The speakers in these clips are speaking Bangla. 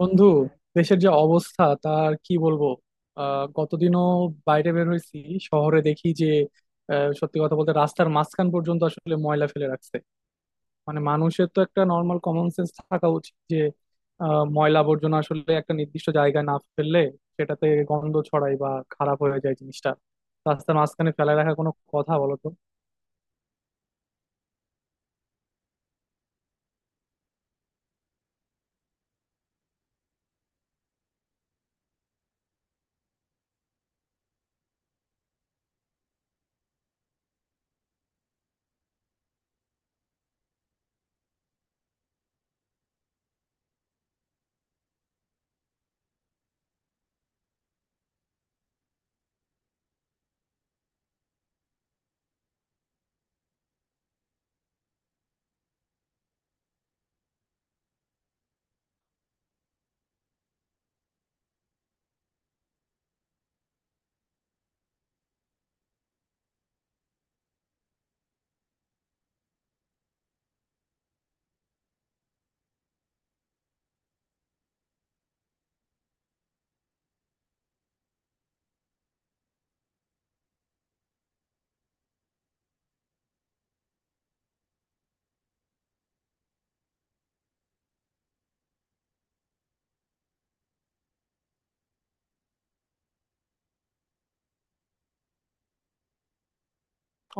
বন্ধু, দেশের যে অবস্থা তার কি বলবো। গতদিনও বাইরে বের হয়েছি, শহরে দেখি যে সত্যি কথা বলতে রাস্তার মাঝখান পর্যন্ত আসলে ময়লা ফেলে রাখছে। মানে মানুষের তো একটা নর্মাল কমন সেন্স থাকা উচিত যে ময়লা আবর্জনা আসলে একটা নির্দিষ্ট জায়গায় না ফেললে সেটাতে গন্ধ ছড়ায় বা খারাপ হয়ে যায় জিনিসটা। রাস্তার মাঝখানে ফেলে রাখা কোনো কথা? বলো তো।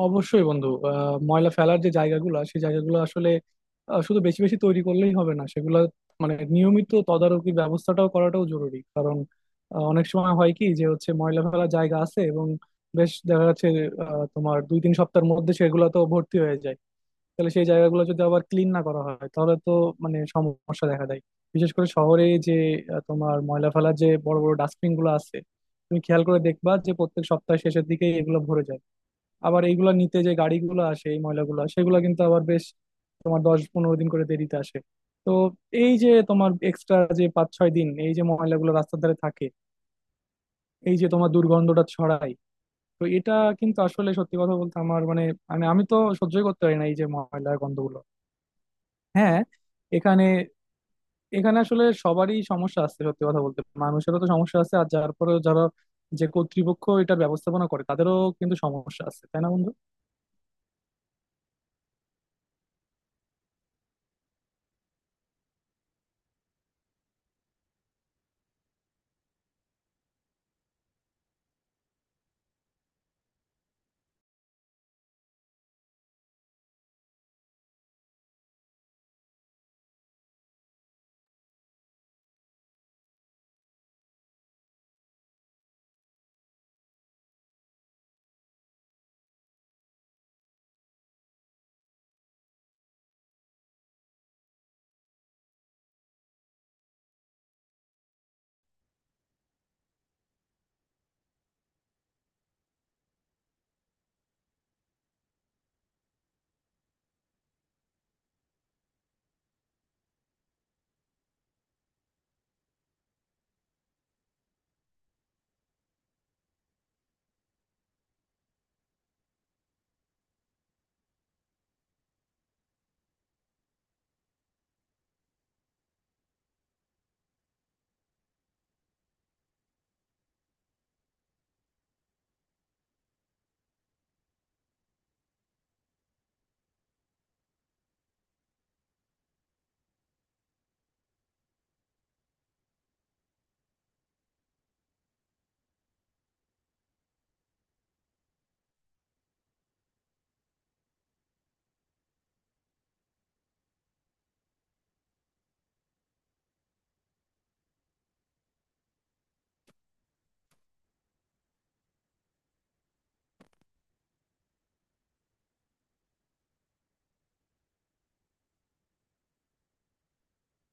অবশ্যই বন্ধু, ময়লা ফেলার যে জায়গাগুলো, সেই জায়গাগুলো আসলে শুধু বেশি বেশি তৈরি করলেই হবে না, সেগুলো মানে নিয়মিত তদারকি ব্যবস্থাটাও করাটাও জরুরি। কারণ অনেক সময় হয় কি, যে হচ্ছে ময়লা ফেলার জায়গা আছে এবং বেশ দেখা যাচ্ছে তোমার 2-3 সপ্তাহের মধ্যে সেগুলো তো ভর্তি হয়ে যায়। তাহলে সেই জায়গাগুলো যদি আবার ক্লিন না করা হয়, তাহলে তো মানে সমস্যা দেখা দেয়। বিশেষ করে শহরে যে তোমার ময়লা ফেলার যে বড় বড় ডাস্টবিন গুলো আছে, তুমি খেয়াল করে দেখবা যে প্রত্যেক সপ্তাহ শেষের দিকে এগুলো ভরে যায়। আবার এইগুলা নিতে যে গাড়িগুলো আসে এই ময়লাগুলো, সেগুলো কিন্তু আবার বেশ তোমার 10-15 দিন করে দেরিতে আসে। তো এই যে তোমার এক্সট্রা যে 5-6 দিন এই যে ময়লাগুলো রাস্তার ধারে থাকে, এই যে তোমার দুর্গন্ধটা ছড়ায়, তো এটা কিন্তু আসলে সত্যি কথা বলতে আমার মানে মানে আমি তো সহ্যই করতে পারি না এই যে ময়লার গন্ধগুলো। হ্যাঁ, এখানে এখানে আসলে সবারই সমস্যা আছে, সত্যি কথা বলতে মানুষেরও তো সমস্যা আছে আর যার পরে, যারা যে কর্তৃপক্ষ এটার ব্যবস্থাপনা করে, তাদেরও কিন্তু সমস্যা আছে, তাই না বন্ধু?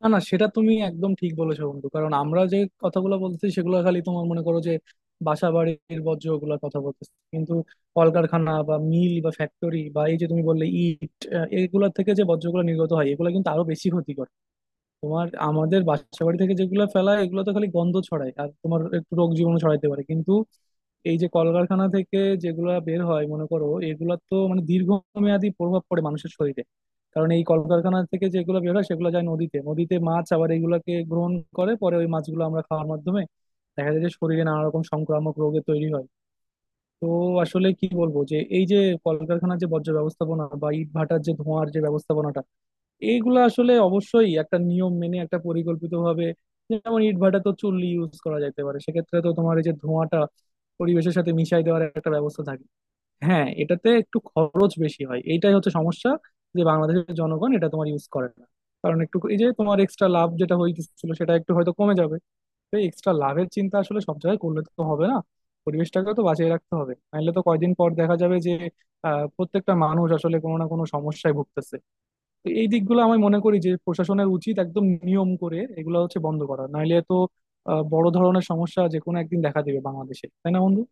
না, না, সেটা তুমি একদম ঠিক বলেছো বন্ধু। কারণ আমরা যে কথাগুলো বলতেছি সেগুলো খালি তোমার মনে করো যে বাসা বাড়ির বর্জ্য, ওগুলোর কথা বলতেছি। কিন্তু কলকারখানা বা মিল বা ফ্যাক্টরি বা এই যে তুমি বললে ইট, এগুলোর থেকে যে বর্জ্যগুলো নির্গত হয় এগুলো কিন্তু আরো বেশি ক্ষতি। তোমার আমাদের বাসা বাড়ি থেকে যেগুলো ফেলায় এগুলো তো খালি গন্ধ ছড়ায় আর তোমার একটু রোগ জীবাণু ছড়াইতে পারে, কিন্তু এই যে কলকারখানা থেকে যেগুলা বের হয় মনে করো, এগুলা তো মানে দীর্ঘমেয়াদী প্রভাব পড়ে মানুষের শরীরে। কারণ এই কলকারখানা থেকে যেগুলো বের হয় সেগুলো যায় নদীতে, নদীতে মাছ আবার এগুলাকে গ্রহণ করে, পরে ওই মাছগুলো আমরা খাওয়ার মাধ্যমে দেখা যায় যে শরীরে নানা রকম সংক্রামক রোগে তৈরি হয়। তো আসলে কি বলবো যে এই যে কলকারখানার যে বর্জ্য ব্যবস্থাপনা বা ইট ভাটার যে ধোঁয়ার যে ব্যবস্থাপনাটা, এইগুলো আসলে অবশ্যই একটা নিয়ম মেনে একটা পরিকল্পিত ভাবে, যেমন ইটভাটা তো চুল্লি ইউজ করা যেতে পারে, সেক্ষেত্রে তো তোমার এই যে ধোঁয়াটা পরিবেশের সাথে মিশাই দেওয়ার একটা ব্যবস্থা থাকে। হ্যাঁ, এটাতে একটু খরচ বেশি হয়, এইটাই হচ্ছে সমস্যা, যে বাংলাদেশের জনগণ এটা তোমার ইউজ করে না। কারণ একটু এই যে তোমার এক্সট্রা লাভ যেটা হইতেছিল সেটা একটু হয়তো কমে যাবে। তো এক্সট্রা লাভের চিন্তা আসলে সব জায়গায় করলে তো হবে না, পরিবেশটাকে তো বাঁচিয়ে রাখতে হবে। নাহলে তো কয়দিন পর দেখা যাবে যে প্রত্যেকটা মানুষ আসলে কোনো না কোনো সমস্যায় ভুগতেছে। তো এই দিকগুলো আমি মনে করি যে প্রশাসনের উচিত একদম নিয়ম করে এগুলো হচ্ছে বন্ধ করা, নাইলে তো বড় ধরনের সমস্যা যে কোনো একদিন দেখা দিবে বাংলাদেশে, তাই না বন্ধু?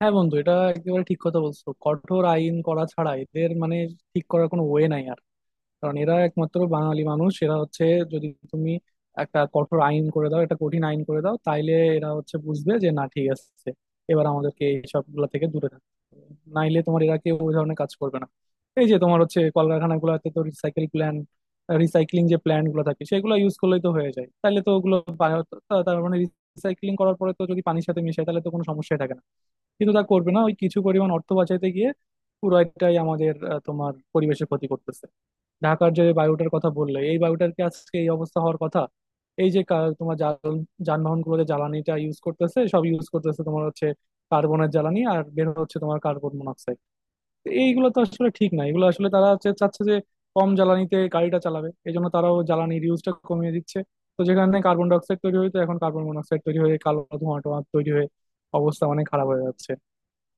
হ্যাঁ বন্ধু, এটা একেবারে ঠিক কথা বলছো। কঠোর আইন করা ছাড়া এদের মানে ঠিক করার কোনো ওয়ে নাই। কারণ এরা একমাত্র বাঙালি মানুষ, এরা হচ্ছে যদি তুমি একটা কঠোর আইন করে দাও, একটা কঠিন আইন করে দাও, তাইলে এরা হচ্ছে বুঝবে যে না, ঠিক আছে, এবার আমাদেরকে এইসব গুলা থেকে দূরে থাকতে হবে। নাইলে তোমার এরা কেউ ওই ধরনের কাজ করবে না। এই যে তোমার হচ্ছে কলকারখানা গুলাতে তো রিসাইকেল প্ল্যান, রিসাইক্লিং যে প্ল্যান গুলো থাকে সেগুলো ইউজ করলেই তো হয়ে যায়, তাহলে তো ওগুলো তার মানে রিসাইক্লিং করার পরে তো যদি পানির সাথে মিশায় তাহলে তো কোনো সমস্যাই থাকে না। কিন্তু তা করবে না, ওই কিছু পরিমাণ অর্থ বাঁচাইতে গিয়ে পুরোটাই আমাদের তোমার পরিবেশের ক্ষতি করতেছে। ঢাকার যে বায়ুটার কথা বললে, এই বায়ুটার কি আজকে এই অবস্থা হওয়ার কথা? এই যে তোমার যানবাহন গুলো যে জ্বালানিটা ইউজ করতেছে, সব ইউজ করতেছে তোমার হচ্ছে কার্বনের জ্বালানি, আর বের হচ্ছে তোমার কার্বন মনোক্সাইড। এইগুলো তো আসলে ঠিক না, এগুলো আসলে তারা হচ্ছে চাচ্ছে যে কম জ্বালানিতে গাড়িটা চালাবে, এই জন্য তারাও জ্বালানির ইউজটা কমিয়ে দিচ্ছে। তো যেখানে কার্বন ডাই অক্সাইড তৈরি হয়ে, তো এখন কার্বন মনোক্সাইড তৈরি হয়ে কালো ধোঁয়া টোয়া তৈরি হয়ে অবস্থা অনেক খারাপ হয়ে যাচ্ছে।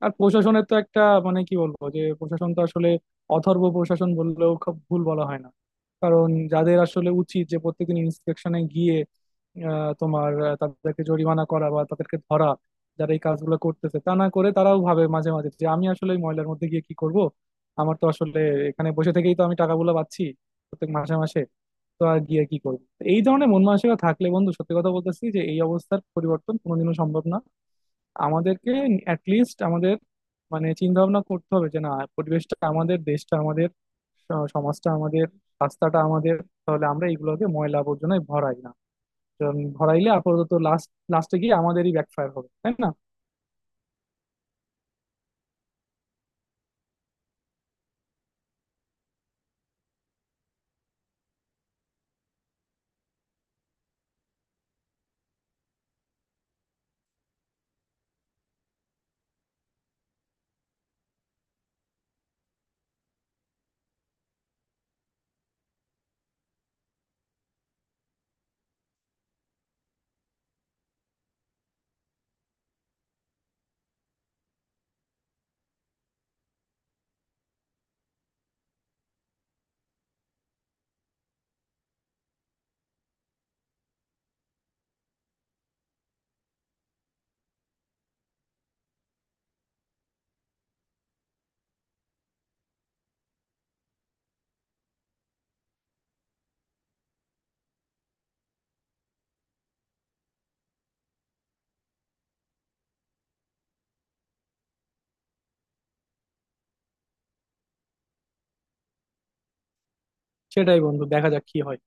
আর প্রশাসনের তো একটা মানে কি বলবো, যে প্রশাসন তো আসলে অথর্ব প্রশাসন বললেও খুব ভুল বলা হয় না। কারণ যাদের আসলে উচিত যে প্রত্যেকদিন ইন্সপেকশনে গিয়ে তোমার তাদেরকে জরিমানা করা বা তাদেরকে ধরা যারা এই কাজগুলো করতেছে, তা না করে তারাও ভাবে মাঝে মাঝে যে আমি আসলে এই ময়লার মধ্যে গিয়ে কি করব, আমার তো আসলে এখানে বসে থেকেই তো আমি টাকাগুলো পাচ্ছি প্রত্যেক মাসে মাসে, তো আর গিয়ে কি করবো। তো এই ধরনের মন মানসিকতা থাকলে বন্ধু, সত্যি কথা বলতেছি যে এই অবস্থার পরিবর্তন কোনোদিনও সম্ভব না। আমাদেরকে অ্যাটলিস্ট আমাদের মানে চিন্তা ভাবনা করতে হবে যে না, পরিবেশটা আমাদের, দেশটা আমাদের, সমাজটা আমাদের, রাস্তাটা আমাদের, তাহলে আমরা এইগুলোকে ময়লা আবর্জনায় ভরাই না। কারণ ভরাইলে আপাতত লাস্ট লাস্টে গিয়ে আমাদেরই ব্যাকফায়ার হবে, তাই না? সেটাই বন্ধু, দেখা যাক কি হয়।